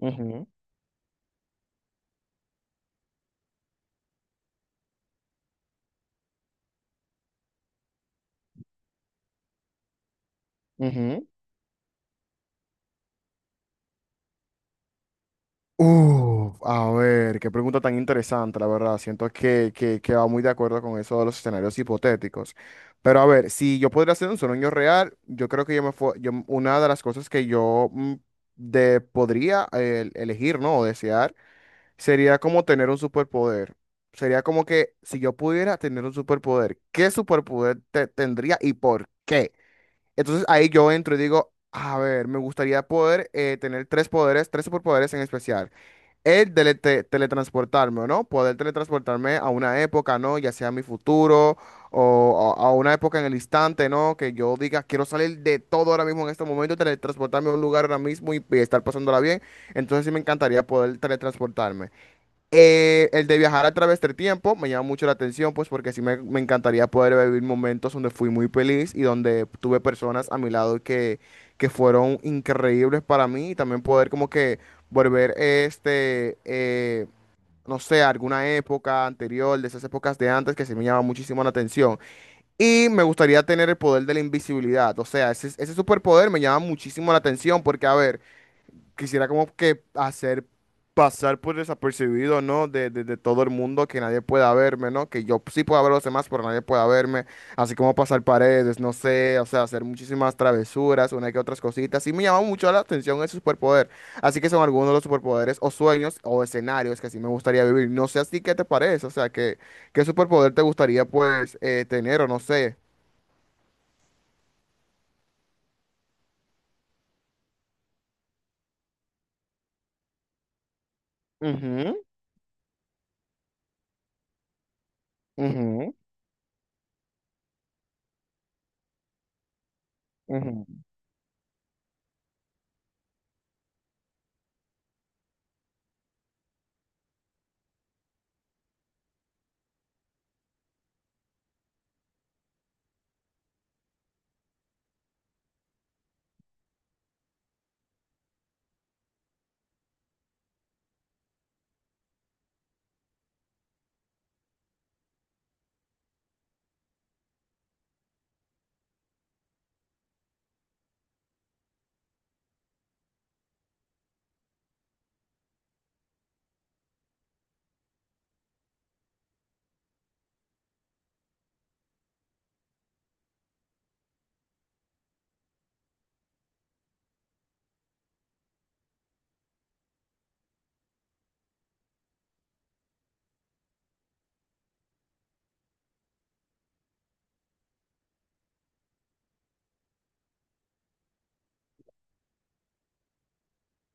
Ujú, ujú. Uf, a ver, qué pregunta tan interesante, la verdad. Siento que va muy de acuerdo con eso de los escenarios hipotéticos. Pero a ver, si yo podría hacer un sueño real, yo creo que yo me fue, yo, una de las cosas que yo podría elegir, ¿no? O desear, sería como tener un superpoder. Sería como que si yo pudiera tener un superpoder, ¿qué superpoder tendría y por qué? Entonces ahí yo entro y digo, a ver, me gustaría poder tener tres poderes, tres superpoderes en especial. El de teletransportarme, ¿no? Poder teletransportarme a una época, ¿no? Ya sea mi futuro o a una época en el instante, ¿no? Que yo diga, quiero salir de todo ahora mismo en este momento, teletransportarme a un lugar ahora mismo y estar pasándola bien. Entonces sí me encantaría poder teletransportarme. El de viajar a través del tiempo me llama mucho la atención, pues porque me encantaría poder vivir momentos donde fui muy feliz y donde tuve personas a mi lado que fueron increíbles para mí y también poder como que volver no sé, a alguna época anterior, de esas épocas de antes que sí me llama muchísimo la atención. Y me gustaría tener el poder de la invisibilidad, o sea, ese superpoder me llama muchísimo la atención porque, a ver, quisiera como que hacer pasar por desapercibido, ¿no? De todo el mundo, que nadie pueda verme, ¿no? Que yo sí pueda ver a los demás, pero nadie pueda verme. Así como pasar paredes, no sé, o sea, hacer muchísimas travesuras, una que otras cositas. Sí me llama mucho la atención ese superpoder. Así que son algunos de los superpoderes o sueños o escenarios que sí me gustaría vivir. No sé así qué te parece, o sea, que, qué superpoder te gustaría pues tener o no sé. Ujú, ujú, ujú.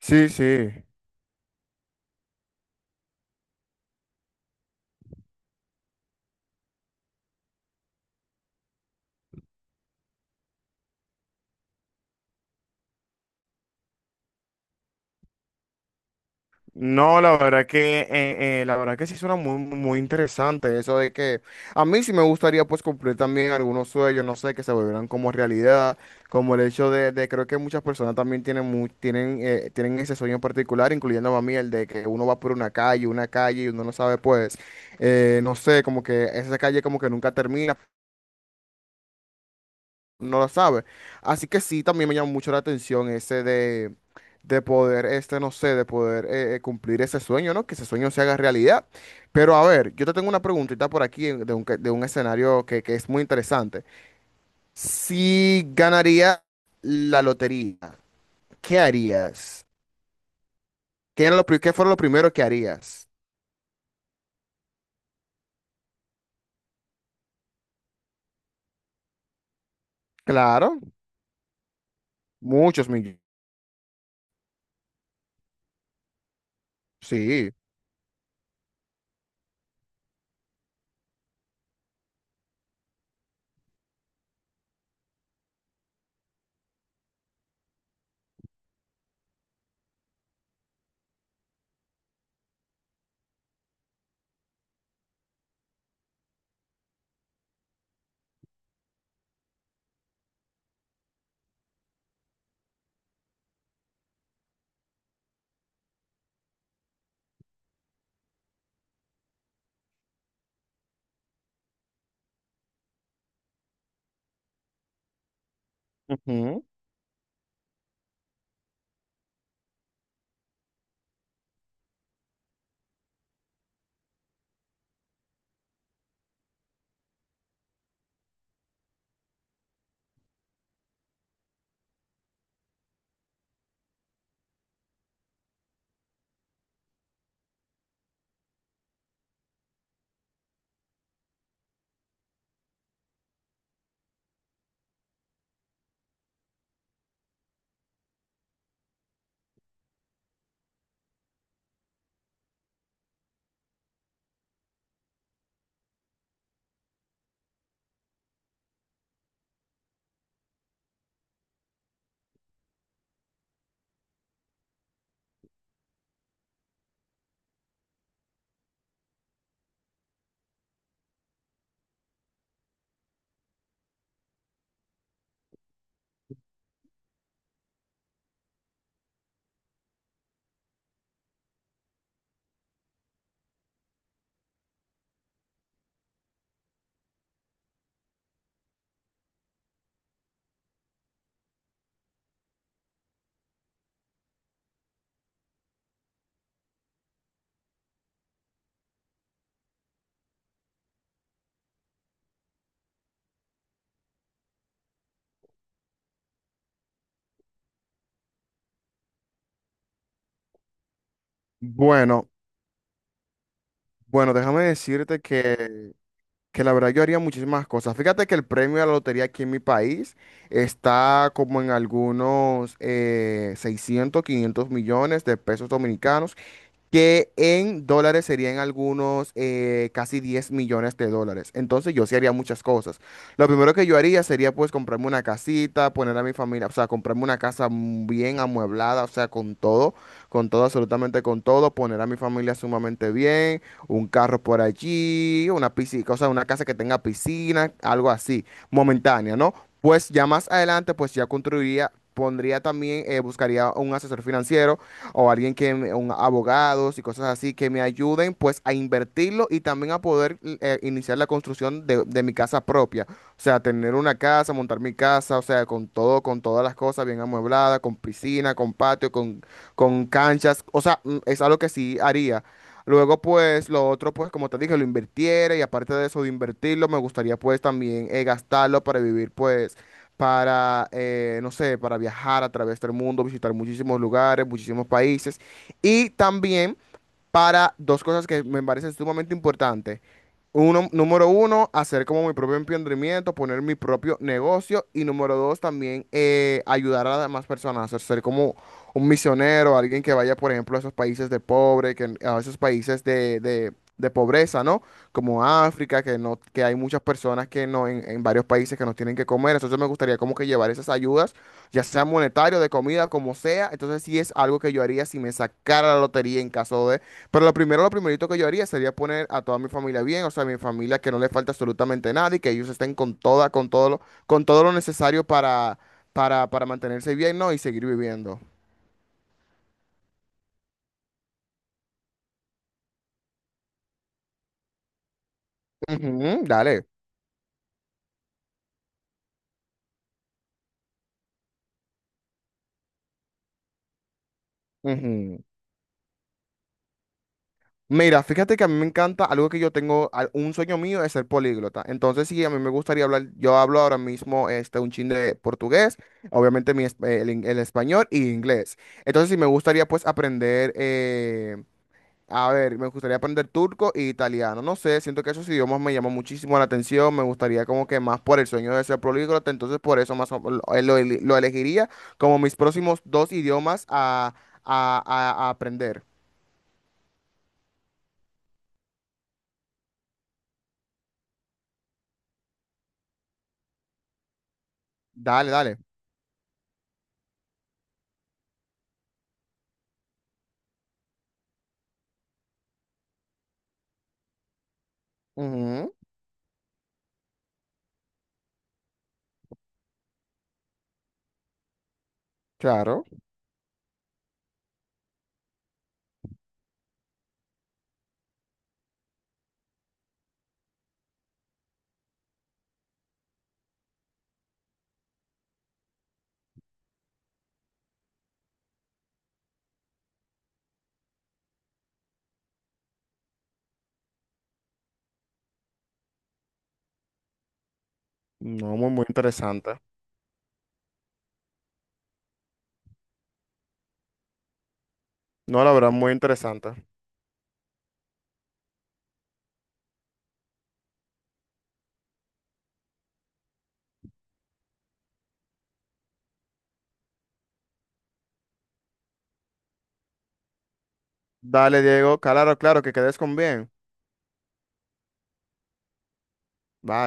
Sí, sí. No, la verdad que sí suena muy muy interesante eso de que a mí sí me gustaría pues cumplir también algunos sueños, no sé, que se volvieran como realidad, como el hecho de, creo que muchas personas también tienen tienen ese sueño en particular, incluyendo a mí el de que uno va por una calle y uno no sabe pues no sé, como que esa calle como que nunca termina, no la sabe. Así que sí, también me llamó mucho la atención ese de poder, no sé, de poder cumplir ese sueño, ¿no? Que ese sueño se haga realidad. Pero a ver, yo te tengo una preguntita por aquí de un escenario que es muy interesante. Si ganaría la lotería, ¿qué harías? ¿Qué era qué fuera lo primero que harías? Claro, muchos millones. Sí. Ujú. Bueno, bueno, déjame decirte que la verdad yo haría muchísimas cosas. Fíjate que el premio de la lotería aquí en mi país está como en algunos 600, 500 millones de pesos dominicanos que en dólares serían algunos casi 10 millones de dólares. Entonces yo sí haría muchas cosas. Lo primero que yo haría sería pues comprarme una casita, poner a mi familia, o sea, comprarme una bien amueblada, o sea, con todo, absolutamente con todo, poner a mi familia sumamente bien, un carro por allí, una piscina, o sea, una casa que tenga piscina, algo así, momentánea, ¿no? Pues ya más adelante, pues ya construiría, pondría también, buscaría un asesor financiero, o alguien que un abogados y cosas así que me ayuden pues a invertirlo y también a poder iniciar la construcción de mi casa propia. O sea, tener una casa, montar mi casa, o sea, con todo, con todas las cosas bien amuebladas, con piscina, con patio, con canchas. O sea, es algo que sí haría. Luego, pues, lo otro, pues, como te dije, lo invirtiera y aparte de eso, de invertirlo, me gustaría, pues, también gastarlo para vivir, pues para, no sé, para viajar a través del mundo, visitar muchísimos lugares, muchísimos países. Y también para dos cosas que me parecen sumamente importantes. Uno, número uno, hacer como mi propio emprendimiento, poner mi propio negocio. Y número dos, también ayudar a las demás personas, hacer ser como un misionero, alguien que vaya, por ejemplo, a esos países de pobre, que, a esos países de pobreza, ¿no? Como África, que, no, que hay muchas personas que no, en varios países que no tienen que comer. Entonces me gustaría como que llevar esas ayudas, ya sea monetario, de comida, como sea. Entonces sí es algo que yo haría si me sacara la lotería en caso de... Pero lo primero, lo primerito que yo haría sería poner a toda mi familia bien, o sea, mi familia que no le falta absolutamente nada y que ellos estén con toda, con todo lo necesario para mantenerse bien, ¿no? Y seguir viviendo. Ujú, dale. Ujú. Mira, fíjate que a mí me encanta algo que yo tengo, un sueño mío es ser políglota. Entonces, sí, a mí me gustaría hablar, yo hablo ahora mismo este, un chin de portugués, obviamente mi, es- el, in- el español y inglés. Entonces, sí, me gustaría pues aprender a ver, me gustaría aprender turco e italiano. No sé, siento que esos idiomas me llaman muchísimo la atención. Me gustaría como que más por el sueño de ser políglota. Entonces por eso más o- lo eli- lo elegiría como mis próximos dos idiomas a aprender. Dale, dale. Ujú, claro. No, muy, muy interesante. No, la verdad, muy interesante. Dale, Diego. Claro, claro, que quedes con bien. Bye.